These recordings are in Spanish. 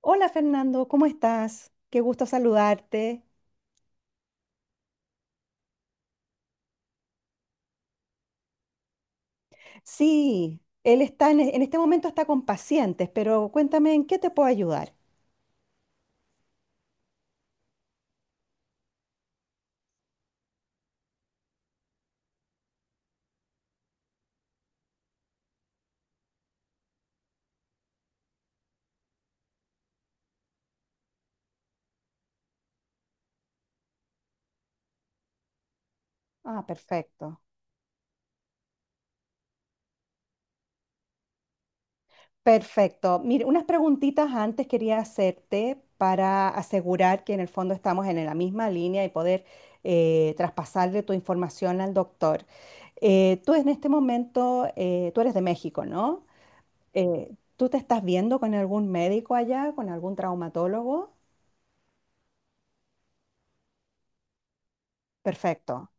Hola Fernando, ¿cómo estás? Qué gusto saludarte. Sí, él está en este momento está con pacientes, pero cuéntame en qué te puedo ayudar. Ah, perfecto. Perfecto. Mire, unas preguntitas antes quería hacerte para asegurar que en el fondo estamos en la misma línea y poder traspasarle tu información al doctor. Tú en este momento, tú eres de México, ¿no? ¿Tú te estás viendo con algún médico allá, con algún traumatólogo? Perfecto.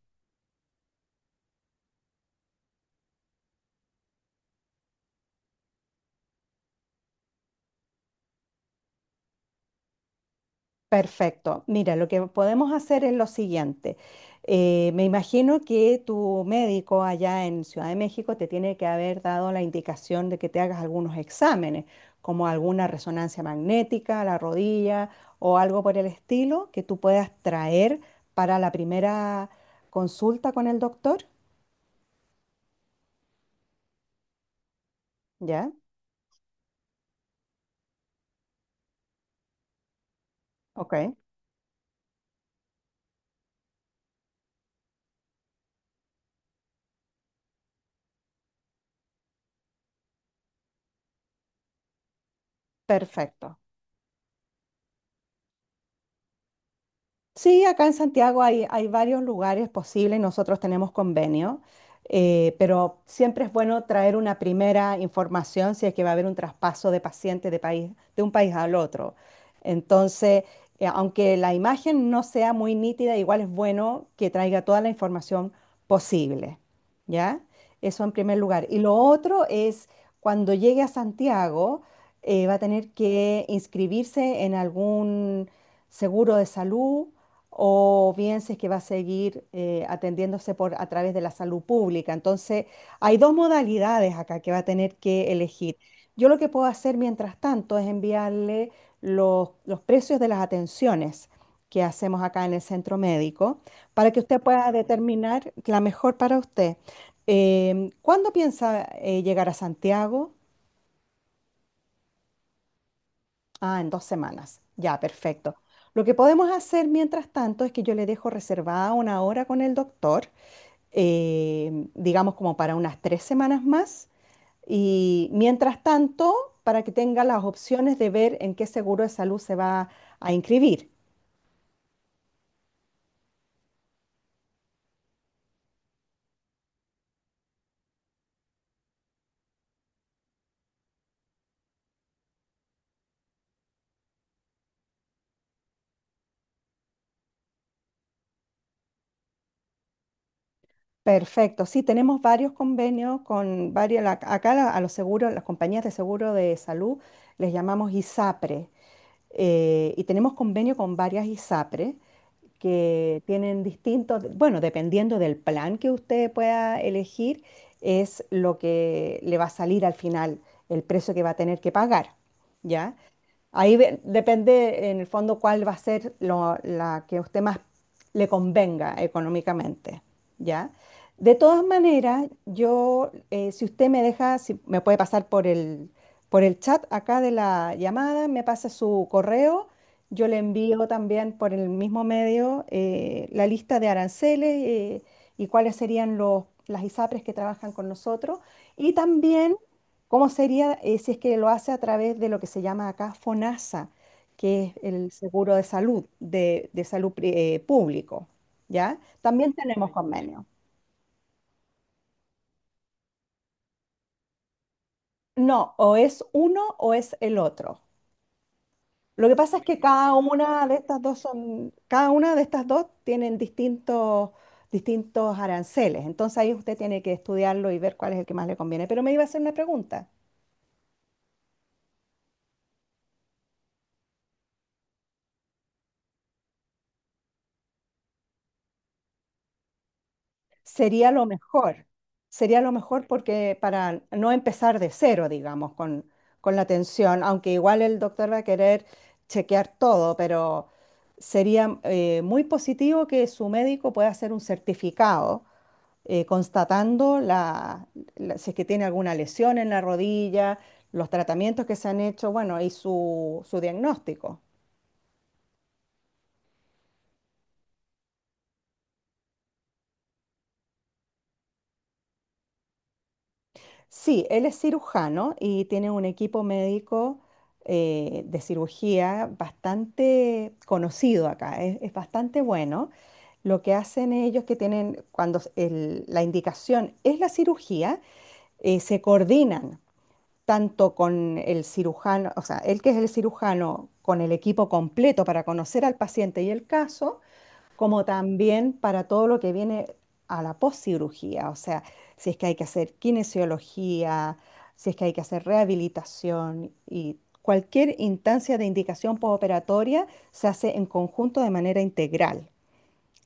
Perfecto. Mira, lo que podemos hacer es lo siguiente. Me imagino que tu médico allá en Ciudad de México te tiene que haber dado la indicación de que te hagas algunos exámenes, como alguna resonancia magnética, a la rodilla o algo por el estilo que tú puedas traer para la primera consulta con el doctor. ¿Ya? Ok. Perfecto. Sí, acá en Santiago hay varios lugares posibles, nosotros tenemos convenio, pero siempre es bueno traer una primera información si es que va a haber un traspaso de pacientes de país, de un país al otro. Entonces, aunque la imagen no sea muy nítida, igual es bueno que traiga toda la información posible, ¿ya? Eso en primer lugar. Y lo otro es cuando llegue a Santiago, va a tener que inscribirse en algún seguro de salud o bien si es que va a seguir atendiéndose por, a través de la salud pública. Entonces, hay dos modalidades acá que va a tener que elegir. Yo lo que puedo hacer mientras tanto es enviarle los precios de las atenciones que hacemos acá en el centro médico para que usted pueda determinar la mejor para usted. ¿Cuándo piensa llegar a Santiago? Ah, en 2 semanas. Ya, perfecto. Lo que podemos hacer mientras tanto es que yo le dejo reservada una hora con el doctor digamos como para unas 3 semanas más. Y mientras tanto, para que tenga las opciones de ver en qué seguro de salud se va a inscribir. Perfecto, sí, tenemos varios convenios con varias, la- acá la- a los seguros, las compañías de seguro de salud les llamamos ISAPRE y tenemos convenio con varias ISAPRE que tienen distintos, bueno, dependiendo del plan que usted pueda elegir, es lo que le va a salir al final, el precio que va a tener que pagar, ¿ya? Ahí ve- depende en el fondo cuál va a ser lo- la que a usted más le convenga económicamente, ¿ya? De todas maneras, yo, si usted me deja, si me puede pasar por por el chat acá de la llamada, me pasa su correo, yo le envío también por el mismo medio la lista de aranceles y cuáles serían las ISAPRES que trabajan con nosotros y también cómo sería si es que lo hace a través de lo que se llama acá FONASA, que es el seguro de salud, de salud pri- público, ¿ya? También tenemos convenio. No, o es uno o es el otro. Lo que pasa es que cada una de estas dos son, cada una de estas dos tienen distintos, aranceles. Entonces ahí usted tiene que estudiarlo y ver cuál es el que más le conviene. Pero me iba a hacer una pregunta. Sería lo mejor, porque para no empezar de cero, digamos, con la atención, aunque igual el doctor va a querer chequear todo, pero sería muy positivo que su médico pueda hacer un certificado constatando la- si es que tiene alguna lesión en la rodilla, los tratamientos que se han hecho, bueno, y su diagnóstico. Sí, él es cirujano y tiene un equipo médico de cirugía bastante conocido acá, es bastante bueno. Lo que hacen ellos que tienen, cuando el- la indicación es la cirugía, se coordinan tanto con el cirujano, o sea, él que es el cirujano, con el equipo completo para conocer al paciente y el caso, como también para todo lo que viene a la poscirugía, o sea, si es que hay que hacer kinesiología, si es que hay que hacer rehabilitación y cualquier instancia de indicación postoperatoria se hace en conjunto de manera integral.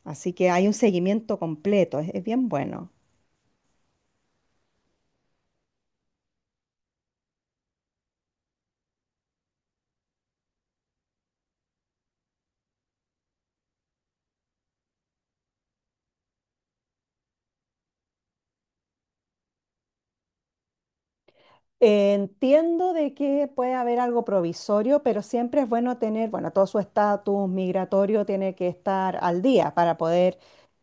Así que hay un seguimiento completo, es bien bueno. Entiendo de que puede haber algo provisorio, pero siempre es bueno tener, bueno, todo su estatus migratorio tiene que estar al día para poder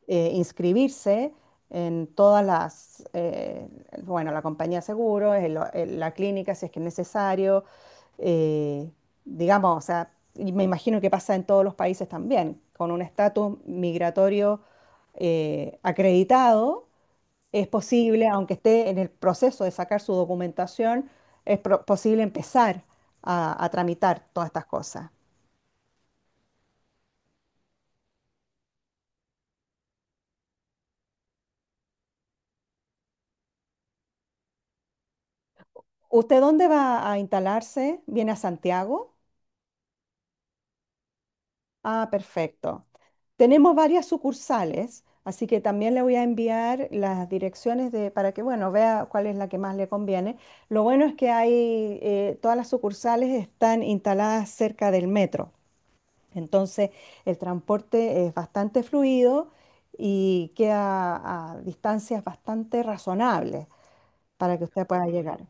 inscribirse en todas bueno, la compañía de seguros, en lo- en la clínica si es que es necesario, eh, digamos, o sea, y me imagino que pasa en todos los países también, con un estatus migratorio acreditado es posible, aunque esté en el proceso de sacar su documentación, es pro- posible empezar a tramitar todas estas cosas. ¿Usted dónde va a instalarse? ¿Viene a Santiago? Ah, perfecto. Tenemos varias sucursales, así que también le voy a enviar las direcciones de, para que, bueno, vea cuál es la que más le conviene. Lo bueno es que hay, todas las sucursales están instaladas cerca del metro. Entonces, el transporte es bastante fluido y queda a distancias bastante razonables para que usted pueda llegar.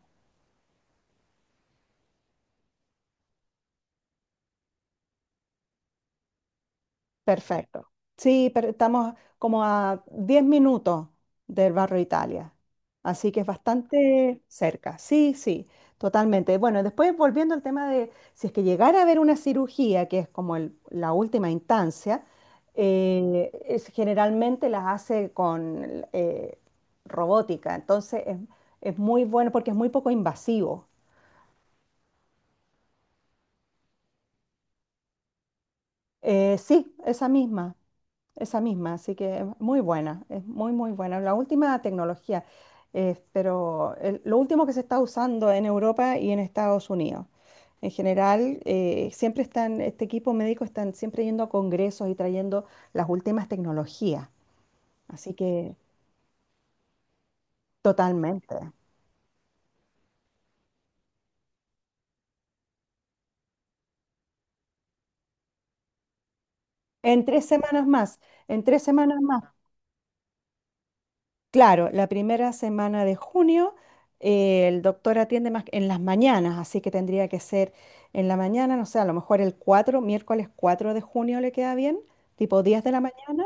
Perfecto. Sí, pero estamos como a 10 minutos del barrio Italia, así que es bastante cerca. Sí, sí, totalmente. Bueno, después volviendo al tema de si es que llegara a haber una cirugía, que es como el- la última instancia, es- generalmente las hace con robótica, es muy bueno porque es muy poco invasivo. Sí, esa misma. Esa misma, así que es muy buena, es muy, muy buena. La última tecnología, pero el- lo último que se está usando en Europa y en Estados Unidos. En general, siempre están, este equipo médico están siempre yendo a congresos y trayendo las últimas tecnologías. Así que totalmente. En 3 semanas más, en tres semanas más. Claro, la primera semana de junio el doctor atiende más en las mañanas, así que tendría que ser en la mañana, no sé, a lo mejor miércoles 4 de junio le queda bien, tipo 10 de la mañana.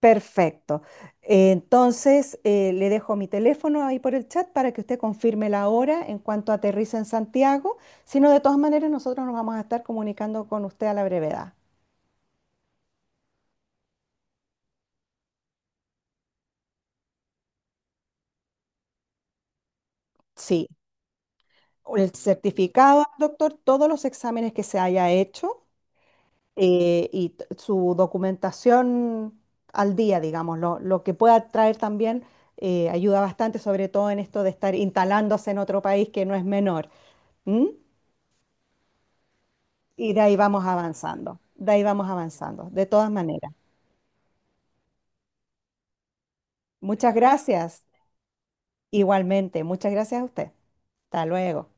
Perfecto. Le dejo mi teléfono ahí por el chat para que usted confirme la hora en cuanto aterrice en Santiago, si no, de todas maneras nosotros nos vamos a estar comunicando con usted a la brevedad. Sí, el certificado, doctor, todos los exámenes que se haya hecho y t- su documentación al día, digamos, lo que pueda traer también ayuda bastante, sobre todo en esto de estar instalándose en otro país que no es menor. ¿M? Y de ahí vamos avanzando, de todas maneras. Muchas gracias, igualmente, muchas gracias a usted. Hasta luego.